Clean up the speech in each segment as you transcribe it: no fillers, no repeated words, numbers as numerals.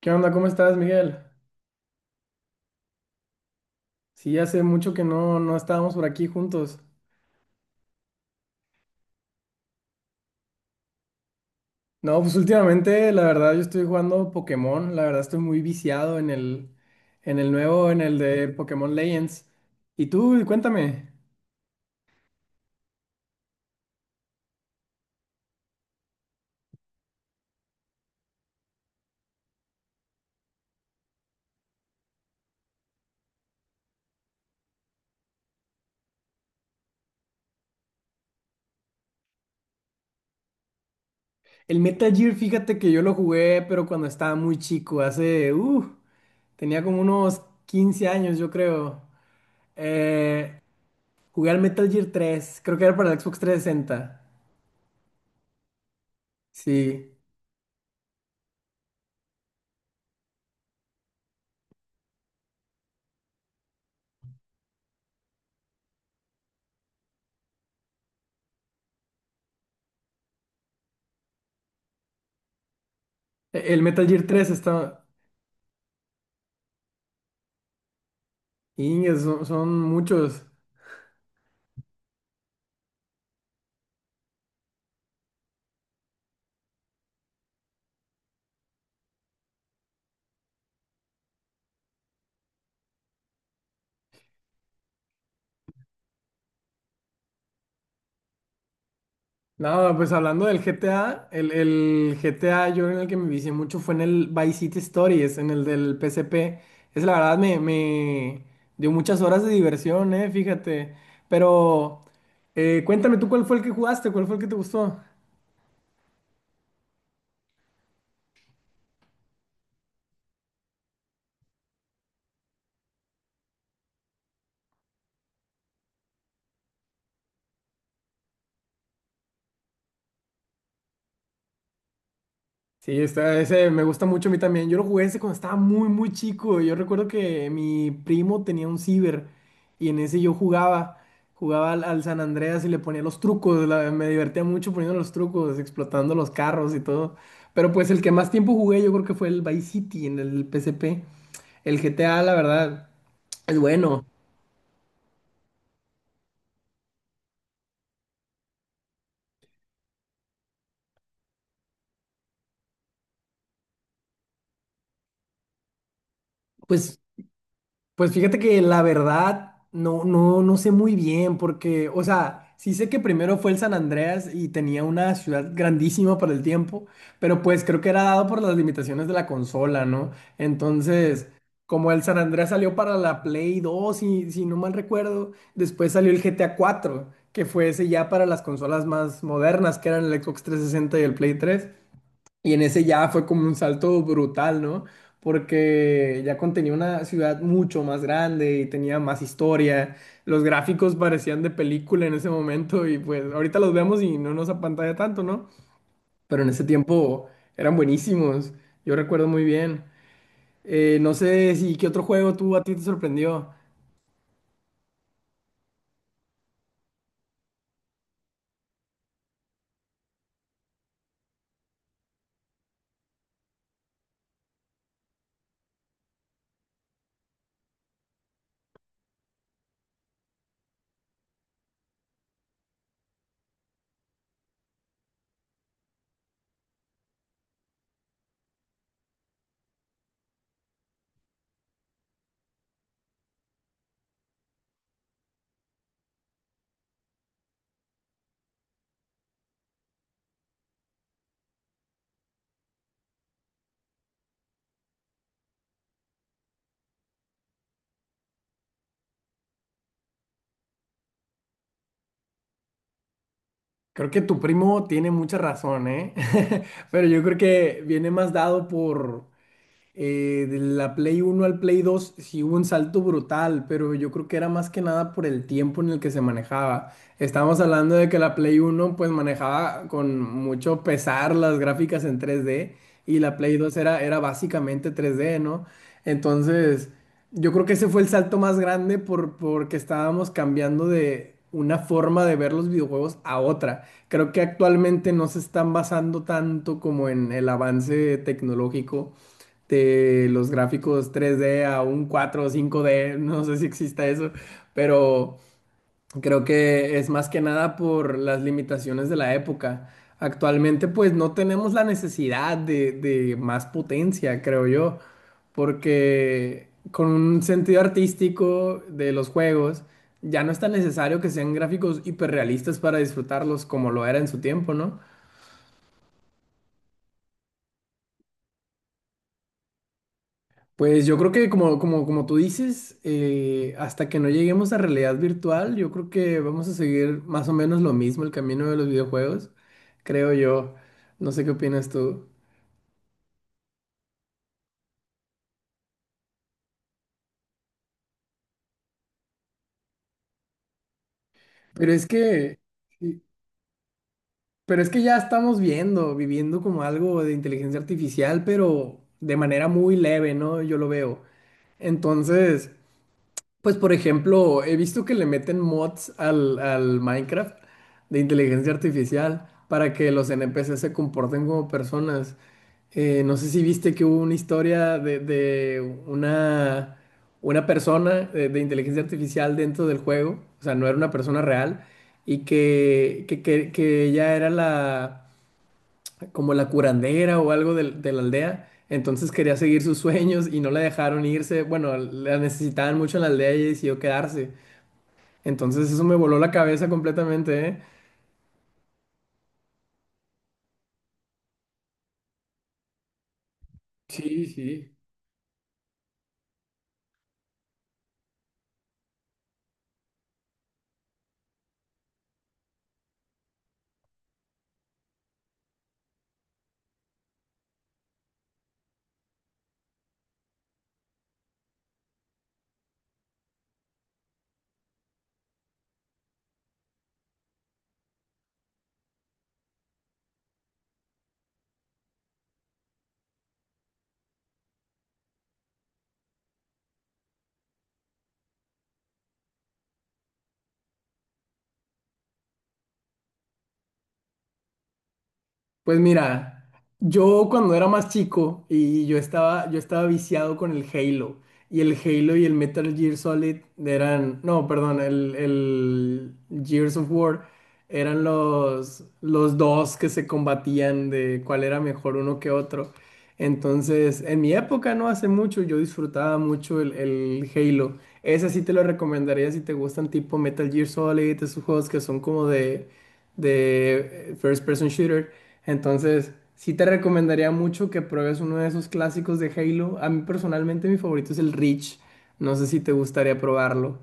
¿Qué onda? ¿Cómo estás, Miguel? Sí, hace mucho que no estábamos por aquí juntos. No, pues últimamente, la verdad, yo estoy jugando Pokémon. La verdad, estoy muy viciado en el nuevo, en el de Pokémon Legends. Y tú, cuéntame. El Metal Gear, fíjate que yo lo jugué, pero cuando estaba muy chico, tenía como unos 15 años, yo creo. Eh, Jugué al Metal Gear 3, creo que era para el Xbox 360. Sí, el Metal Gear 3 está. Iñes, son muchos. Nada, pues hablando del GTA, el GTA yo en el que me vicié mucho fue en el Vice City Stories, en el del P S P. Es la verdad, me dio muchas horas de diversión, fíjate. Pero cuéntame tú cuál fue el que jugaste, cuál fue el que te gustó. Sí, está, ese me gusta mucho a mí también. Yo lo jugué ese cuando estaba muy, muy chico. Yo recuerdo que mi primo tenía un ciber y en ese yo jugaba. Jugaba al San Andreas y le ponía los trucos. Me divertía mucho poniendo los trucos, explotando los carros y todo. Pero pues el que más tiempo jugué yo creo que fue el Vice City en el PSP. El GTA, la verdad, es bueno. Pues Pues fíjate que la verdad no sé muy bien porque, o sea, sí sé que primero fue el San Andreas y tenía una ciudad grandísima para el tiempo, pero pues creo que era dado por las limitaciones de la consola, ¿no? Entonces, como el San Andreas salió para la Play 2 si no mal recuerdo, después salió el GTA 4 que fue ese ya para las consolas más modernas, que eran el Xbox trescientos sesenta y el Play 3, y en ese ya fue como un salto brutal, ¿no? Porque ya contenía una ciudad mucho más grande y tenía más historia. Los gráficos parecían de película en ese momento y pues ahorita los vemos y no nos apantalla tanto, ¿no? Pero en ese tiempo eran buenísimos. Yo recuerdo muy bien. No sé si qué otro juego tú a ti te sorprendió. Creo que tu primo tiene mucha razón, ¿eh? Pero yo creo que viene más dado por de la Play 1 al Play 2 sí hubo un salto brutal, pero yo creo que era más que nada por el tiempo en el que se manejaba. Estamos hablando de que la Play 1 pues manejaba con mucho pesar las gráficas en 3D, y la Play 2 era básicamente 3D, ¿no? Entonces, yo creo que ese fue el salto más grande porque estábamos cambiando de una forma de ver los videojuegos a otra. Creo que actualmente no se están basando tanto como en el avance tecnológico, de los gráficos 3D a un 4 o 5D, no sé si exista eso, pero creo que es más que nada por las limitaciones de la época. Actualmente pues no tenemos la necesidad de más potencia, creo yo, porque con un sentido artístico de los juegos ya no es tan necesario que sean gráficos hiperrealistas para disfrutarlos como lo era en su tiempo, ¿no? Pues yo creo que como tú dices, hasta que no lleguemos a realidad virtual, yo creo que vamos a seguir más o menos lo mismo, el camino de los videojuegos, creo yo. No sé qué opinas tú. Pero es que, sí, pero es que ya estamos viviendo como algo de inteligencia artificial, pero de manera muy leve, ¿no? Yo lo veo. Entonces. Pues por ejemplo, he visto que le meten mods al Minecraft de inteligencia artificial para que los NPC se comporten como personas. No sé si viste que hubo una historia de una persona de inteligencia artificial dentro del juego, o sea, no era una persona real, y que ella era la como la curandera o algo de la aldea. Entonces quería seguir sus sueños y no la dejaron irse. Bueno, la necesitaban mucho en la aldea y decidió quedarse. Entonces eso me voló la cabeza completamente, ¿eh? Sí, sí. Pues mira, yo cuando era más chico y yo estaba viciado con el Halo. Y el Halo y el Metal Gear Solid eran, no, perdón, el Gears of War eran los dos que se combatían de cuál era mejor uno que otro. Entonces, en mi época, no hace mucho, yo disfrutaba mucho el Halo. Ese sí te lo recomendaría si te gustan tipo Metal Gear Solid, esos juegos que son como de First Person Shooter. Entonces, sí te recomendaría mucho que pruebes uno de esos clásicos de Halo. A mí personalmente mi favorito es el Reach. No sé si te gustaría probarlo.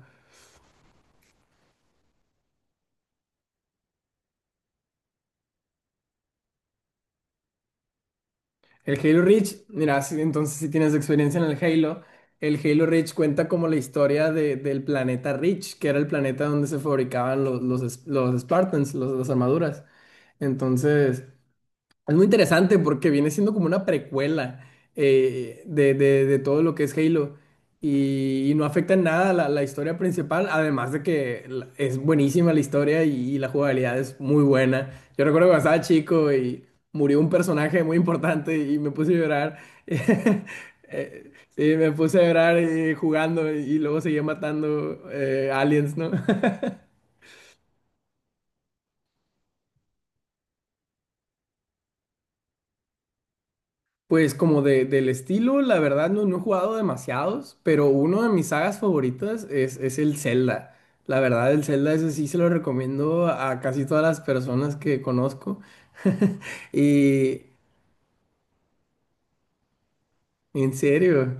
El Halo Reach, mira, sí, entonces si tienes experiencia en el Halo Reach cuenta como la historia del planeta Reach, que era el planeta donde se fabricaban los Spartans, las armaduras. Entonces, es muy interesante porque viene siendo como una precuela, de todo lo que es Halo, y no afecta en nada la historia principal, además de que es buenísima la historia y la jugabilidad es muy buena. Yo recuerdo cuando estaba chico y murió un personaje muy importante y me puse a llorar. Sí, me puse a llorar jugando y luego seguía matando aliens, ¿no? Pues como del estilo, la verdad no he jugado demasiados, pero uno de mis sagas favoritas es el Zelda. La verdad, el Zelda ese sí se lo recomiendo a casi todas las personas que conozco. Y en serio,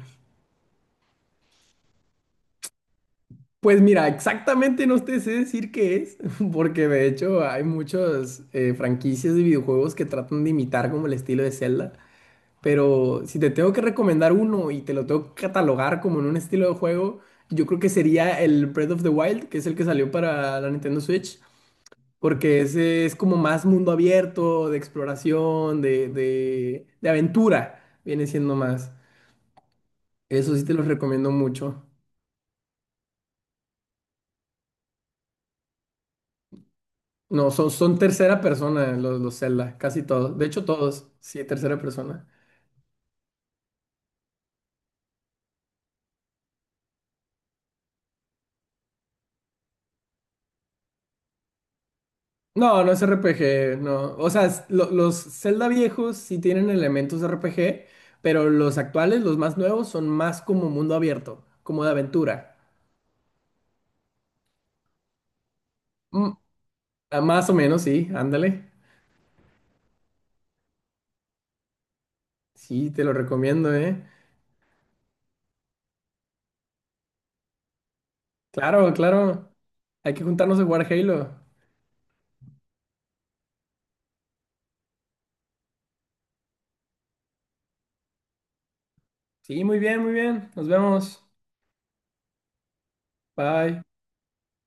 pues mira, exactamente no te sé decir qué es, porque de hecho hay muchas franquicias de videojuegos que tratan de imitar como el estilo de Zelda. Pero si te tengo que recomendar uno y te lo tengo que catalogar como en un estilo de juego, yo creo que sería el Breath of the Wild, que es el que salió para la Nintendo Switch, porque ese es como más mundo abierto, de exploración, de aventura, viene siendo más. Eso sí te los recomiendo mucho. No, son tercera persona los Zelda, casi todos. De hecho, todos, sí, tercera persona. No, no es RPG, no. O sea, los Zelda viejos sí tienen elementos de RPG, pero los actuales, los más nuevos, son más como mundo abierto, como de aventura. Mm, ah, más o menos, sí, ándale. Sí, te lo recomiendo, ¿eh? Claro, claro. Hay que juntarnos a jugar Halo. Sí, muy bien, muy bien. Nos vemos. Bye.